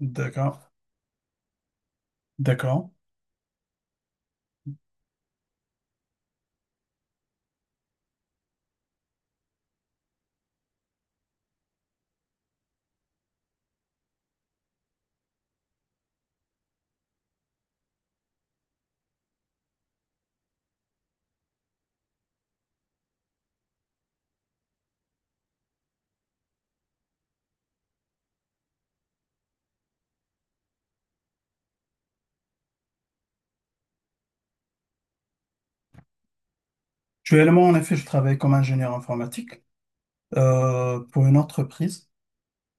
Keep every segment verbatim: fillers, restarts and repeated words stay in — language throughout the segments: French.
D'accord. D'accord. Actuellement, en effet, je travaille comme ingénieur informatique euh, pour une entreprise.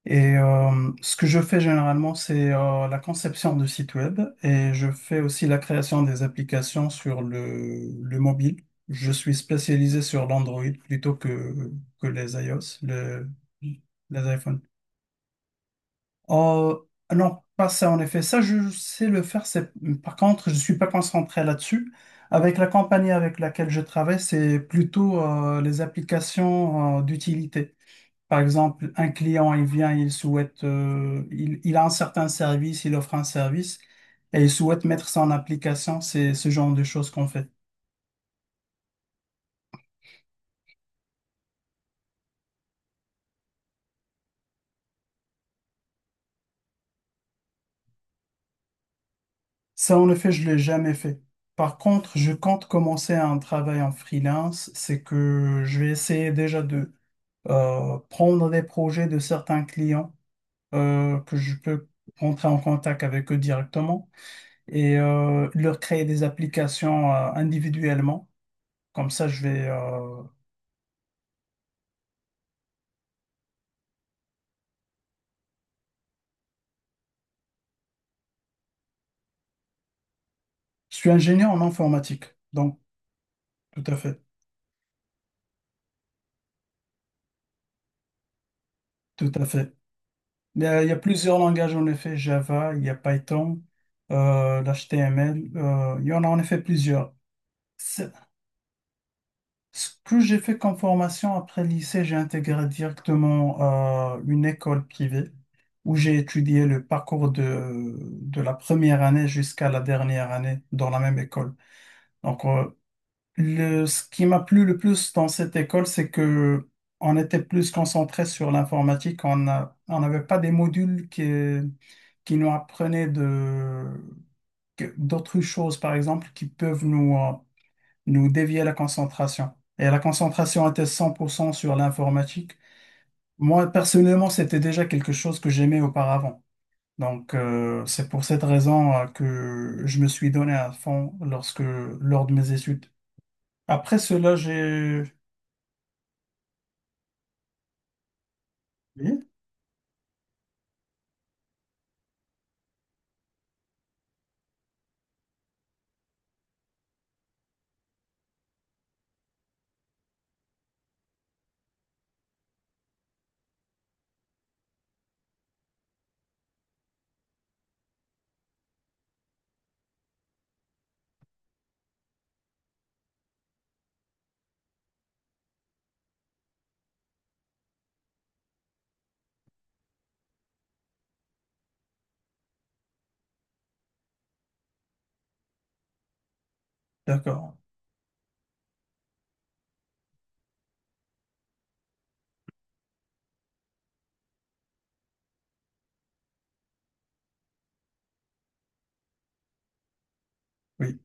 Et euh, ce que je fais généralement, c'est euh, la conception de sites web et je fais aussi la création des applications sur le, le mobile. Je suis spécialisé sur l'Android plutôt que, que les iOS, le, les iPhones. Euh, non, pas ça en effet. Ça, je sais le faire. C'est... Par contre, je ne suis pas concentré là-dessus. Avec la compagnie avec laquelle je travaille, c'est plutôt euh, les applications euh, d'utilité. Par exemple, un client, il vient, il souhaite, euh, il, il a un certain service, il offre un service et il souhaite mettre ça en application. C'est ce genre de choses qu'on fait. Ça, en effet, je ne l'ai jamais fait. Par contre, je compte commencer un travail en freelance. C'est que je vais essayer déjà euh, prendre des projets de certains clients euh, que je peux rentrer en contact avec eux directement et euh, leur créer des applications euh, individuellement. Comme ça, je vais... euh, Je suis ingénieur en informatique, donc tout à fait, tout à fait. Il y a, il y a plusieurs langages en effet, Java, il y a Python, euh, l'H T M L, euh, il y en a en effet plusieurs. C'est- Ce que j'ai fait comme formation après le lycée, j'ai intégré directement euh, une école privée où j'ai étudié le parcours de, de la première année jusqu'à la dernière année dans la même école. Donc, euh, le, ce qui m'a plu le plus dans cette école, c'est que on était plus concentré sur l'informatique. On a- on n'avait pas des modules qui, qui nous apprenaient de, que- d'autres choses, par exemple, qui peuvent nous, euh, nous dévier la concentration. Et la concentration était cent pour cent sur l'informatique. Moi, personnellement, c'était déjà quelque chose que j'aimais auparavant. Donc, euh, c'est pour cette raison euh, que je me suis donné à fond lorsque, lors de mes études. Après cela, j'ai... Oui, d'accord. Oui,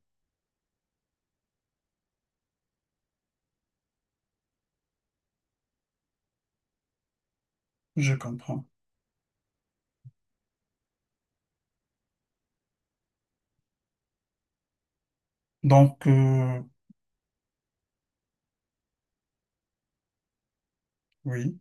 je comprends. Donc, euh, oui,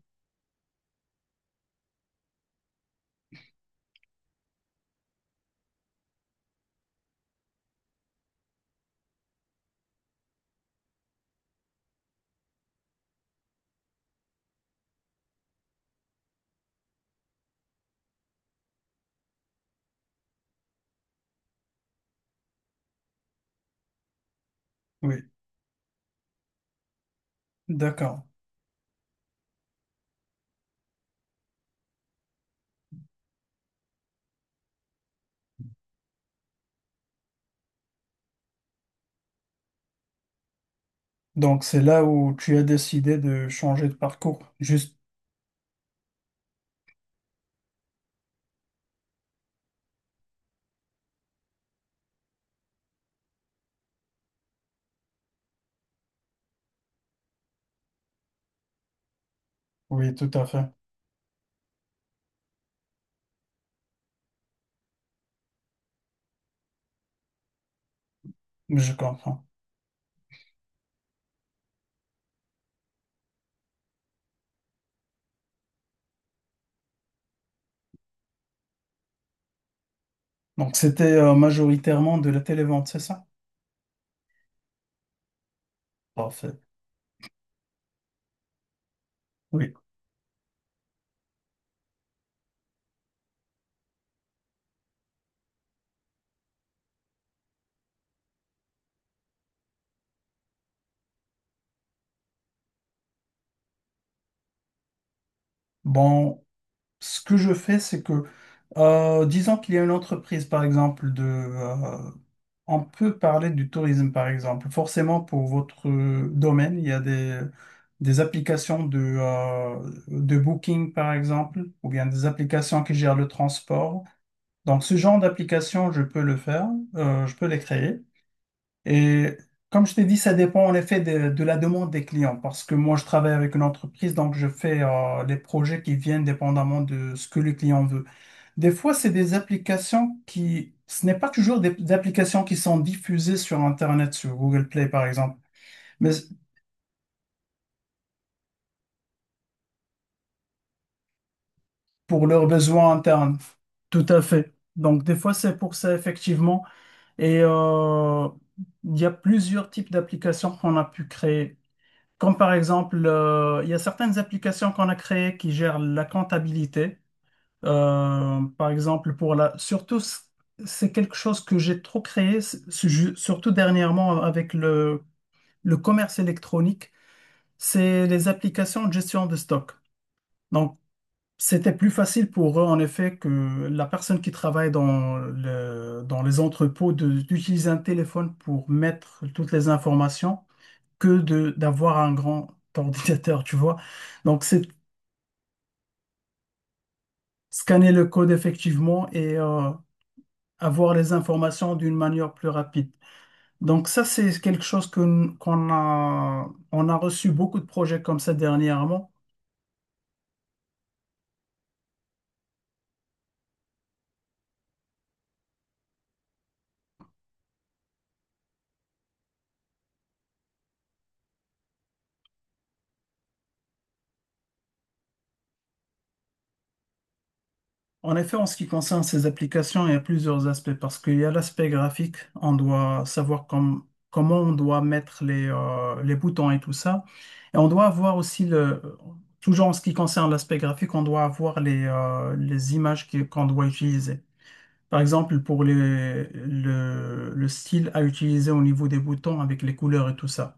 oui, d'accord. Donc, c'est là où tu as décidé de changer de parcours. Juste, oui, tout à fait. Je comprends. Donc, c'était euh, majoritairement de la télévente, c'est ça? Parfait. Oui. Bon, ce que je fais, c'est que, euh, disons qu'il y a une entreprise, par exemple, de, euh, on peut parler du tourisme, par exemple. Forcément, pour votre euh, domaine, il y a des, des applications de, euh, de booking, par exemple, ou bien des applications qui gèrent le transport. Donc, ce genre d'application, je peux le faire, euh, je peux les créer. Et comme je t'ai dit, ça dépend en effet de, de la demande des clients parce que moi, je travaille avec une entreprise, donc je fais euh, les projets qui viennent dépendamment de ce que le client veut. Des fois, c'est des applications qui, ce n'est pas toujours des, des applications qui sont diffusées sur Internet, sur Google Play par exemple, mais pour leurs besoins internes. Tout à fait. Donc, des fois, c'est pour ça, effectivement. Et euh, il y a plusieurs types d'applications qu'on a pu créer. Comme par exemple, euh, il y a certaines applications qu'on a créées qui gèrent la comptabilité. Euh, par exemple, pour la, surtout, c- c'est quelque chose que j'ai trop créé, c- su- surtout dernièrement avec le, le commerce électronique, c'est les applications de gestion de stock. Donc, c'était plus facile pour eux, en effet, que la personne qui travaille dans le- dans les entrepôts de- d'utiliser un téléphone pour mettre toutes les informations que de d'avoir un grand ordinateur, tu vois. Donc, c'est scanner le code effectivement et euh, avoir les informations d'une manière plus rapide. Donc, ça, c'est quelque chose que, qu'on a, on a reçu beaucoup de projets comme ça dernièrement. En effet, en ce qui concerne ces applications, il y a plusieurs aspects parce qu'il y a l'aspect graphique, on doit savoir com- comment on doit mettre les, euh, les boutons et tout ça. Et on doit avoir aussi le, toujours en ce qui concerne l'aspect graphique, on doit avoir les, euh, les images qui- qu'on doit utiliser. Par exemple, pour les- le, le style à utiliser au niveau des boutons avec les couleurs et tout ça.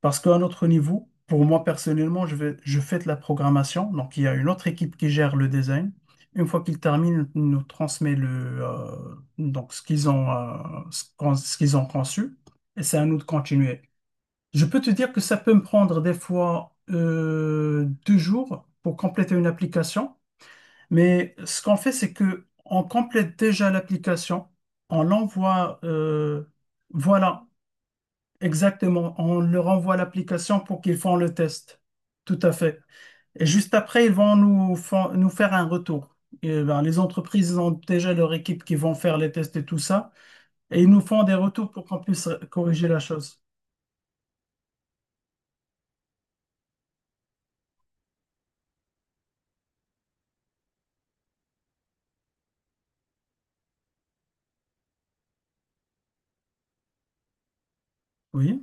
Parce qu'à notre niveau, pour moi personnellement, je vais, je fais de la programmation. Donc, il y a une autre équipe qui gère le design. Une fois qu'ils terminent, ils nous transmet le, euh, donc ce qu'ils ont, euh, ce qu'on- ce qu'ils ont conçu. Et c'est à nous de continuer. Je peux te dire que ça peut me prendre des fois euh, deux jours pour compléter une application. Mais ce qu'on fait, c'est que on complète déjà l'application. On l'envoie. euh, voilà, Exactement, on leur envoie l'application pour qu'ils font le test. Tout à fait. Et juste après, ils vont nous, fa- nous faire un retour. Et ben, les entreprises ont déjà leur équipe qui vont faire les tests et tout ça. Et ils nous font des retours pour qu'on puisse corriger la chose. Oui,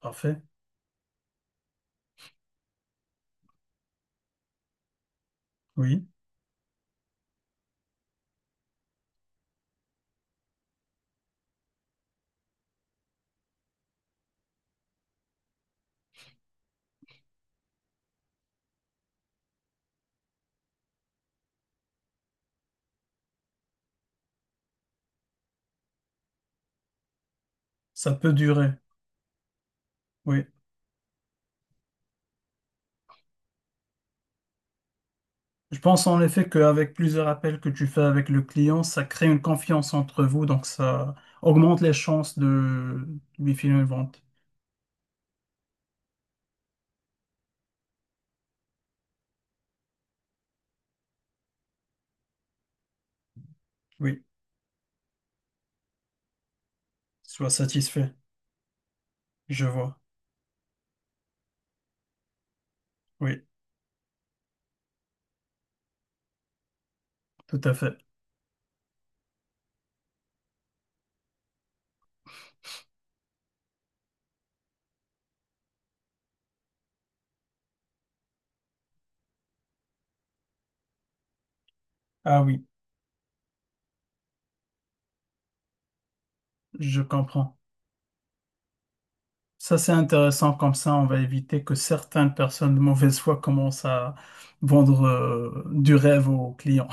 parfait. Oui, ça peut durer. Oui. Je pense en effet qu'avec plusieurs appels que tu fais avec le client, ça crée une confiance entre vous, donc ça augmente les chances de lui filer une vente. Oui, sois satisfait, je vois. Oui, tout à fait. Ah oui, je comprends. Ça, c'est intéressant, comme ça, on va éviter que certaines personnes de mauvaise foi commencent à vendre euh, du rêve aux clients.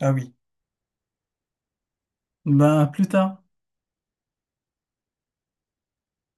Ah oui, ben à plus tard.